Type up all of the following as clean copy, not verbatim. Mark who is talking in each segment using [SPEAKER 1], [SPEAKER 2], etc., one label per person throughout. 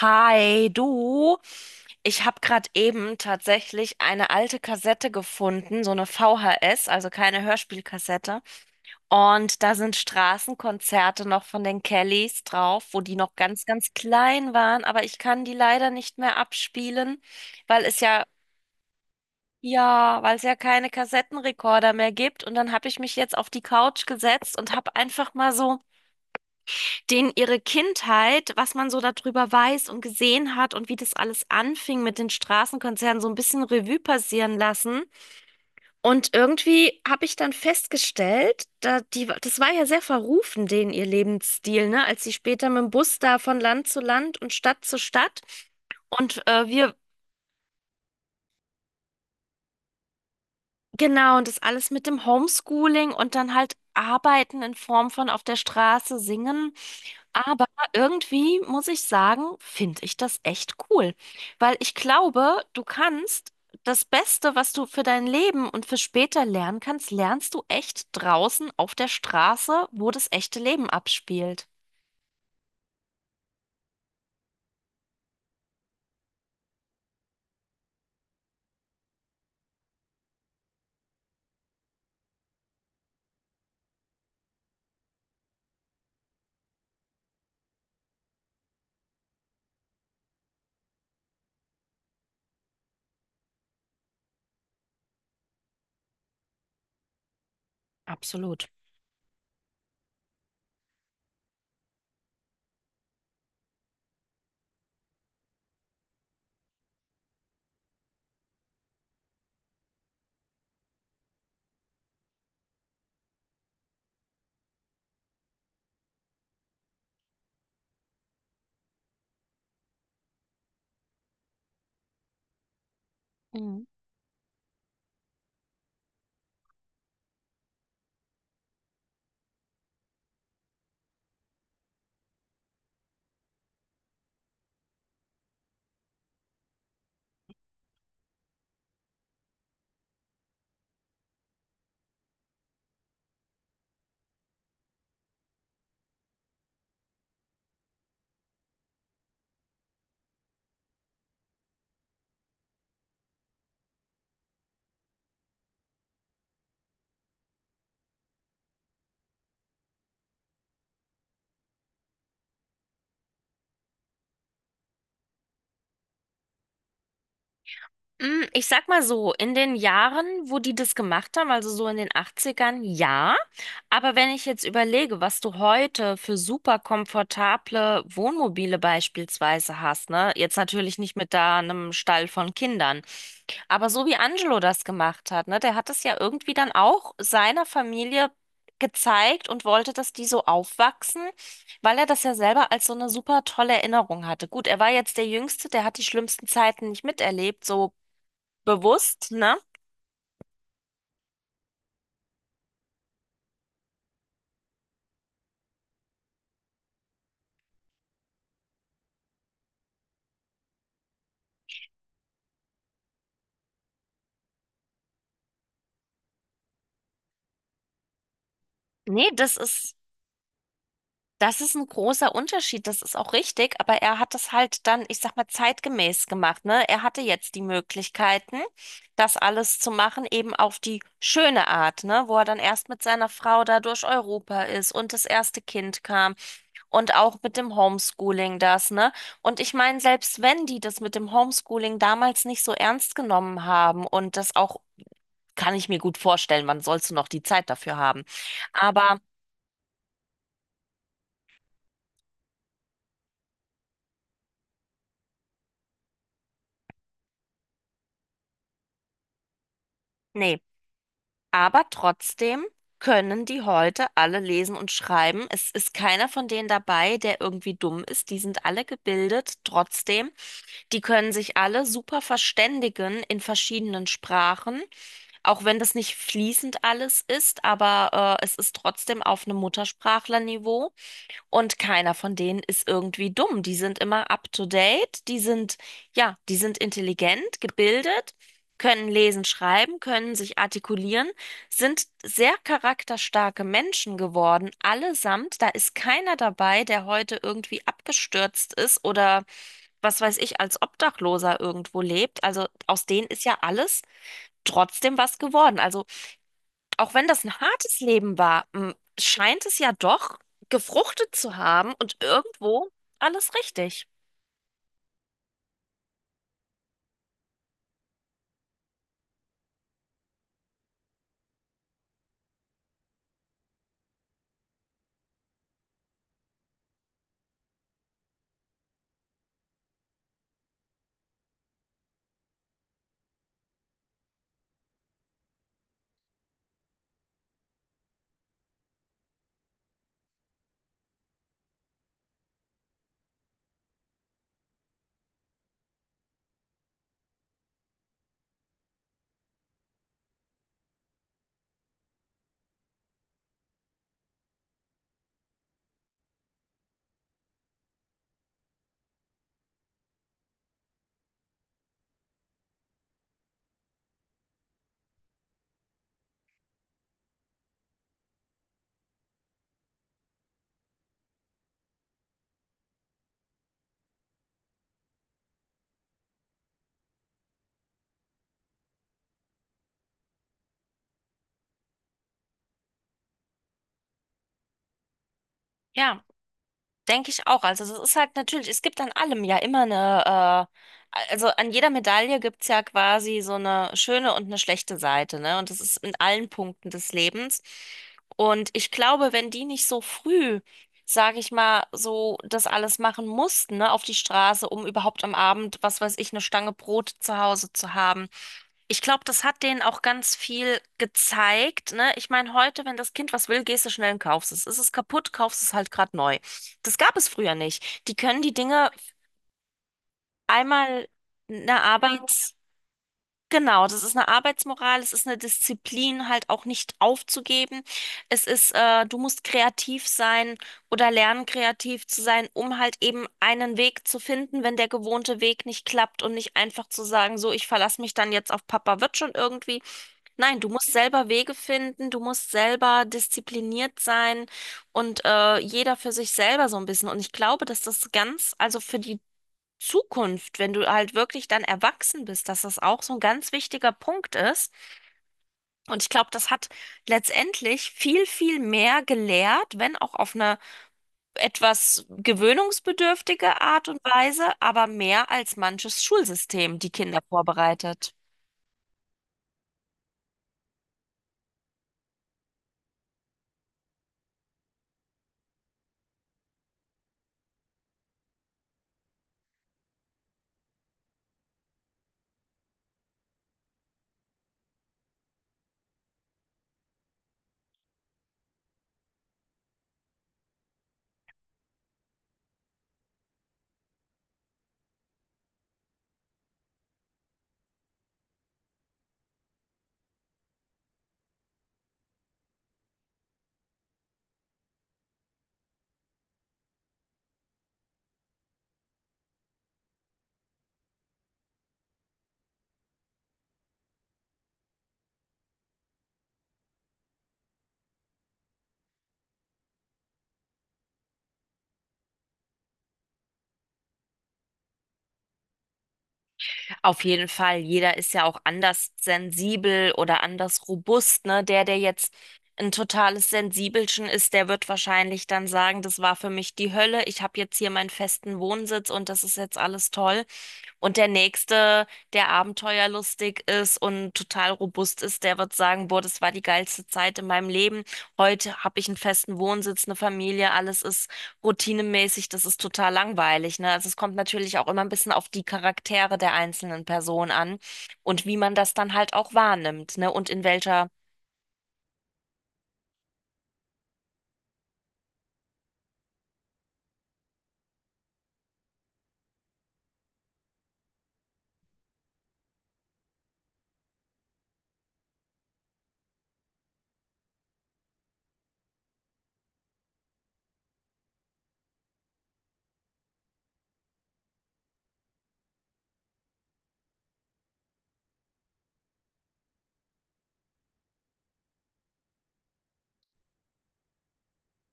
[SPEAKER 1] Hi, du. Ich habe gerade eben tatsächlich eine alte Kassette gefunden, so eine VHS, also keine Hörspielkassette. Und da sind Straßenkonzerte noch von den Kellys drauf, wo die noch ganz, ganz klein waren. Aber ich kann die leider nicht mehr abspielen, weil es ja, ja, weil es ja keine Kassettenrekorder mehr gibt. Und dann habe ich mich jetzt auf die Couch gesetzt und habe einfach mal so denen ihre Kindheit, was man so darüber weiß und gesehen hat und wie das alles anfing mit den Straßenkonzernen, so ein bisschen Revue passieren lassen. Und irgendwie habe ich dann festgestellt, das war ja sehr verrufen, denen ihr Lebensstil, ne? Als sie später mit dem Bus da von Land zu Land und Stadt zu Stadt und äh, wir, genau, und das alles mit dem Homeschooling und dann halt Arbeiten in Form von auf der Straße singen. Aber irgendwie muss ich sagen, finde ich das echt cool, weil ich glaube, du kannst das Beste, was du für dein Leben und für später lernen kannst, lernst du echt draußen auf der Straße, wo das echte Leben abspielt. Absolut. Mhm. Ich sag mal so, in den Jahren, wo die das gemacht haben, also so in den Achtzigern, ja. Aber wenn ich jetzt überlege, was du heute für super komfortable Wohnmobile beispielsweise hast, ne? Jetzt natürlich nicht mit da einem Stall von Kindern, aber so wie Angelo das gemacht hat, ne? Der hat es ja irgendwie dann auch seiner Familie gezeigt und wollte, dass die so aufwachsen, weil er das ja selber als so eine super tolle Erinnerung hatte. Gut, er war jetzt der Jüngste, der hat die schlimmsten Zeiten nicht miterlebt, so bewusst, ne? Nee, das ist ein großer Unterschied, das ist auch richtig, aber er hat das halt dann, ich sag mal, zeitgemäß gemacht, ne? Er hatte jetzt die Möglichkeiten, das alles zu machen, eben auf die schöne Art, ne? Wo er dann erst mit seiner Frau da durch Europa ist und das erste Kind kam. Und auch mit dem Homeschooling das, ne? Und ich meine, selbst wenn die das mit dem Homeschooling damals nicht so ernst genommen haben und das auch, kann ich mir gut vorstellen, wann sollst du noch die Zeit dafür haben? Aber Nee, aber trotzdem können die heute alle lesen und schreiben. Es ist keiner von denen dabei, der irgendwie dumm ist. Die sind alle gebildet, trotzdem. Die können sich alle super verständigen in verschiedenen Sprachen, auch wenn das nicht fließend alles ist, aber es ist trotzdem auf einem Muttersprachlerniveau. Und keiner von denen ist irgendwie dumm. Die sind immer up to date. Ja, die sind intelligent, gebildet, können lesen, schreiben, können sich artikulieren, sind sehr charakterstarke Menschen geworden, allesamt. Da ist keiner dabei, der heute irgendwie abgestürzt ist oder was weiß ich, als Obdachloser irgendwo lebt. Also aus denen ist ja alles trotzdem was geworden. Also auch wenn das ein hartes Leben war, scheint es ja doch gefruchtet zu haben und irgendwo alles richtig. Ja, denke ich auch. Also das ist halt natürlich, es gibt an allem ja immer eine, also an jeder Medaille gibt es ja quasi so eine schöne und eine schlechte Seite, ne? Und das ist in allen Punkten des Lebens. Und ich glaube, wenn die nicht so früh, sage ich mal, so das alles machen mussten, ne, auf die Straße, um überhaupt am Abend, was weiß ich, eine Stange Brot zu Hause zu haben, ich glaube, das hat denen auch ganz viel gezeigt, ne? Ich meine, heute, wenn das Kind was will, gehst du schnell und kaufst es. Ist es kaputt, kaufst es halt gerade neu. Das gab es früher nicht. Die können die Dinge einmal eine Arbeits... Genau, das ist eine Arbeitsmoral, es ist eine Disziplin, halt auch nicht aufzugeben. Es ist, du musst kreativ sein oder lernen, kreativ zu sein, um halt eben einen Weg zu finden, wenn der gewohnte Weg nicht klappt und nicht einfach zu sagen, so, ich verlasse mich dann jetzt auf Papa, wird schon irgendwie. Nein, du musst selber Wege finden, du musst selber diszipliniert sein und jeder für sich selber so ein bisschen. Und ich glaube, dass das ganz, also für die Zukunft, wenn du halt wirklich dann erwachsen bist, dass das auch so ein ganz wichtiger Punkt ist. Und ich glaube, das hat letztendlich viel, viel mehr gelehrt, wenn auch auf eine etwas gewöhnungsbedürftige Art und Weise, aber mehr als manches Schulsystem die Kinder vorbereitet. Auf jeden Fall, jeder ist ja auch anders sensibel oder anders robust, ne? Der jetzt ein totales Sensibelchen ist, der wird wahrscheinlich dann sagen, das war für mich die Hölle, ich habe jetzt hier meinen festen Wohnsitz und das ist jetzt alles toll. Und der Nächste, der abenteuerlustig ist und total robust ist, der wird sagen, boah, das war die geilste Zeit in meinem Leben. Heute habe ich einen festen Wohnsitz, eine Familie, alles ist routinemäßig, das ist total langweilig, ne? Also es kommt natürlich auch immer ein bisschen auf die Charaktere der einzelnen Person an und wie man das dann halt auch wahrnimmt, ne?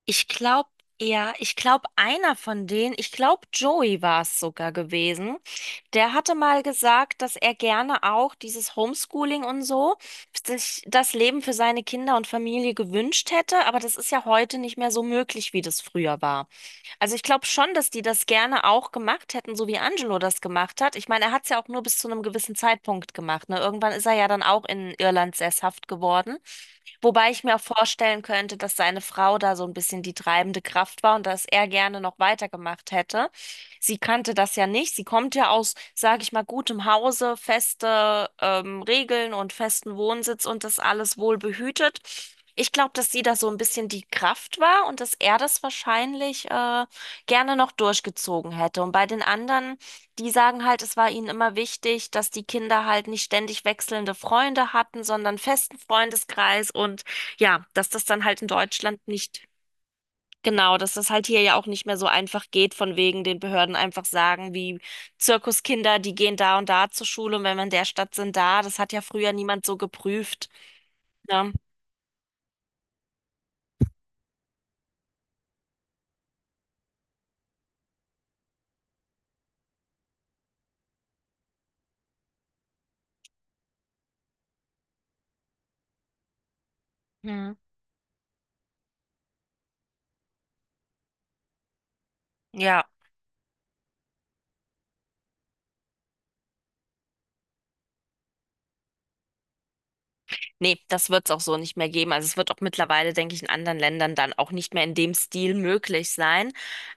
[SPEAKER 1] Ich glaube, ja, ich glaube, einer von denen, ich glaube, Joey war es sogar gewesen, der hatte mal gesagt, dass er gerne auch dieses Homeschooling und so, sich das Leben für seine Kinder und Familie gewünscht hätte, aber das ist ja heute nicht mehr so möglich, wie das früher war. Also ich glaube schon, dass die das gerne auch gemacht hätten, so wie Angelo das gemacht hat. Ich meine, er hat es ja auch nur bis zu einem gewissen Zeitpunkt gemacht, ne? Irgendwann ist er ja dann auch in Irland sesshaft geworden. Wobei ich mir auch vorstellen könnte, dass seine Frau da so ein bisschen die treibende Kraft war und dass er gerne noch weitergemacht hätte. Sie kannte das ja nicht. Sie kommt ja aus, sage ich mal, gutem Hause, feste Regeln und festen Wohnsitz und das alles wohl behütet. Ich glaube, dass sie da so ein bisschen die Kraft war und dass er das wahrscheinlich gerne noch durchgezogen hätte. Und bei den anderen. Die sagen halt, es war ihnen immer wichtig, dass die Kinder halt nicht ständig wechselnde Freunde hatten, sondern festen Freundeskreis und ja, dass das dann halt in Deutschland nicht, genau, dass das halt hier ja auch nicht mehr so einfach geht, von wegen den Behörden einfach sagen, wie Zirkuskinder, die gehen da und da zur Schule und wenn wir in der Stadt sind, da. Das hat ja früher niemand so geprüft, ne? Hm. Ja. Nee, das wird es auch so nicht mehr geben. Also es wird auch mittlerweile, denke ich, in anderen Ländern dann auch nicht mehr in dem Stil möglich sein.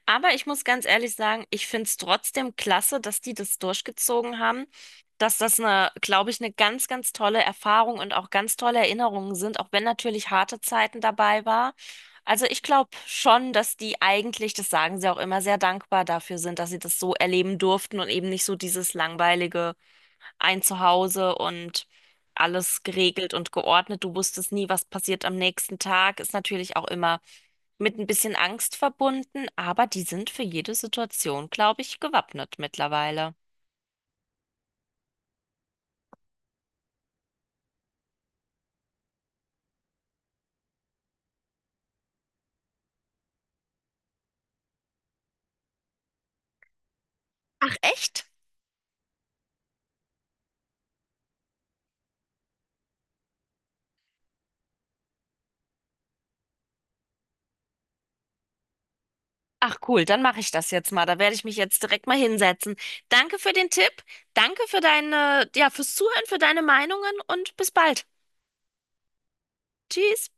[SPEAKER 1] Aber ich muss ganz ehrlich sagen, ich finde es trotzdem klasse, dass die das durchgezogen haben, dass das eine, glaube ich, eine ganz, ganz tolle Erfahrung und auch ganz tolle Erinnerungen sind, auch wenn natürlich harte Zeiten dabei war. Also ich glaube schon, dass die eigentlich, das sagen sie auch immer, sehr dankbar dafür sind, dass sie das so erleben durften und eben nicht so dieses langweilige ein Zuhause und alles geregelt und geordnet. Du wusstest nie, was passiert am nächsten Tag. Ist natürlich auch immer mit ein bisschen Angst verbunden, aber die sind für jede Situation, glaube ich, gewappnet mittlerweile. Ach echt? Ach cool, dann mache ich das jetzt mal. Da werde ich mich jetzt direkt mal hinsetzen. Danke für den Tipp, danke für deine, ja, fürs Zuhören, für deine Meinungen und bis bald. Tschüss.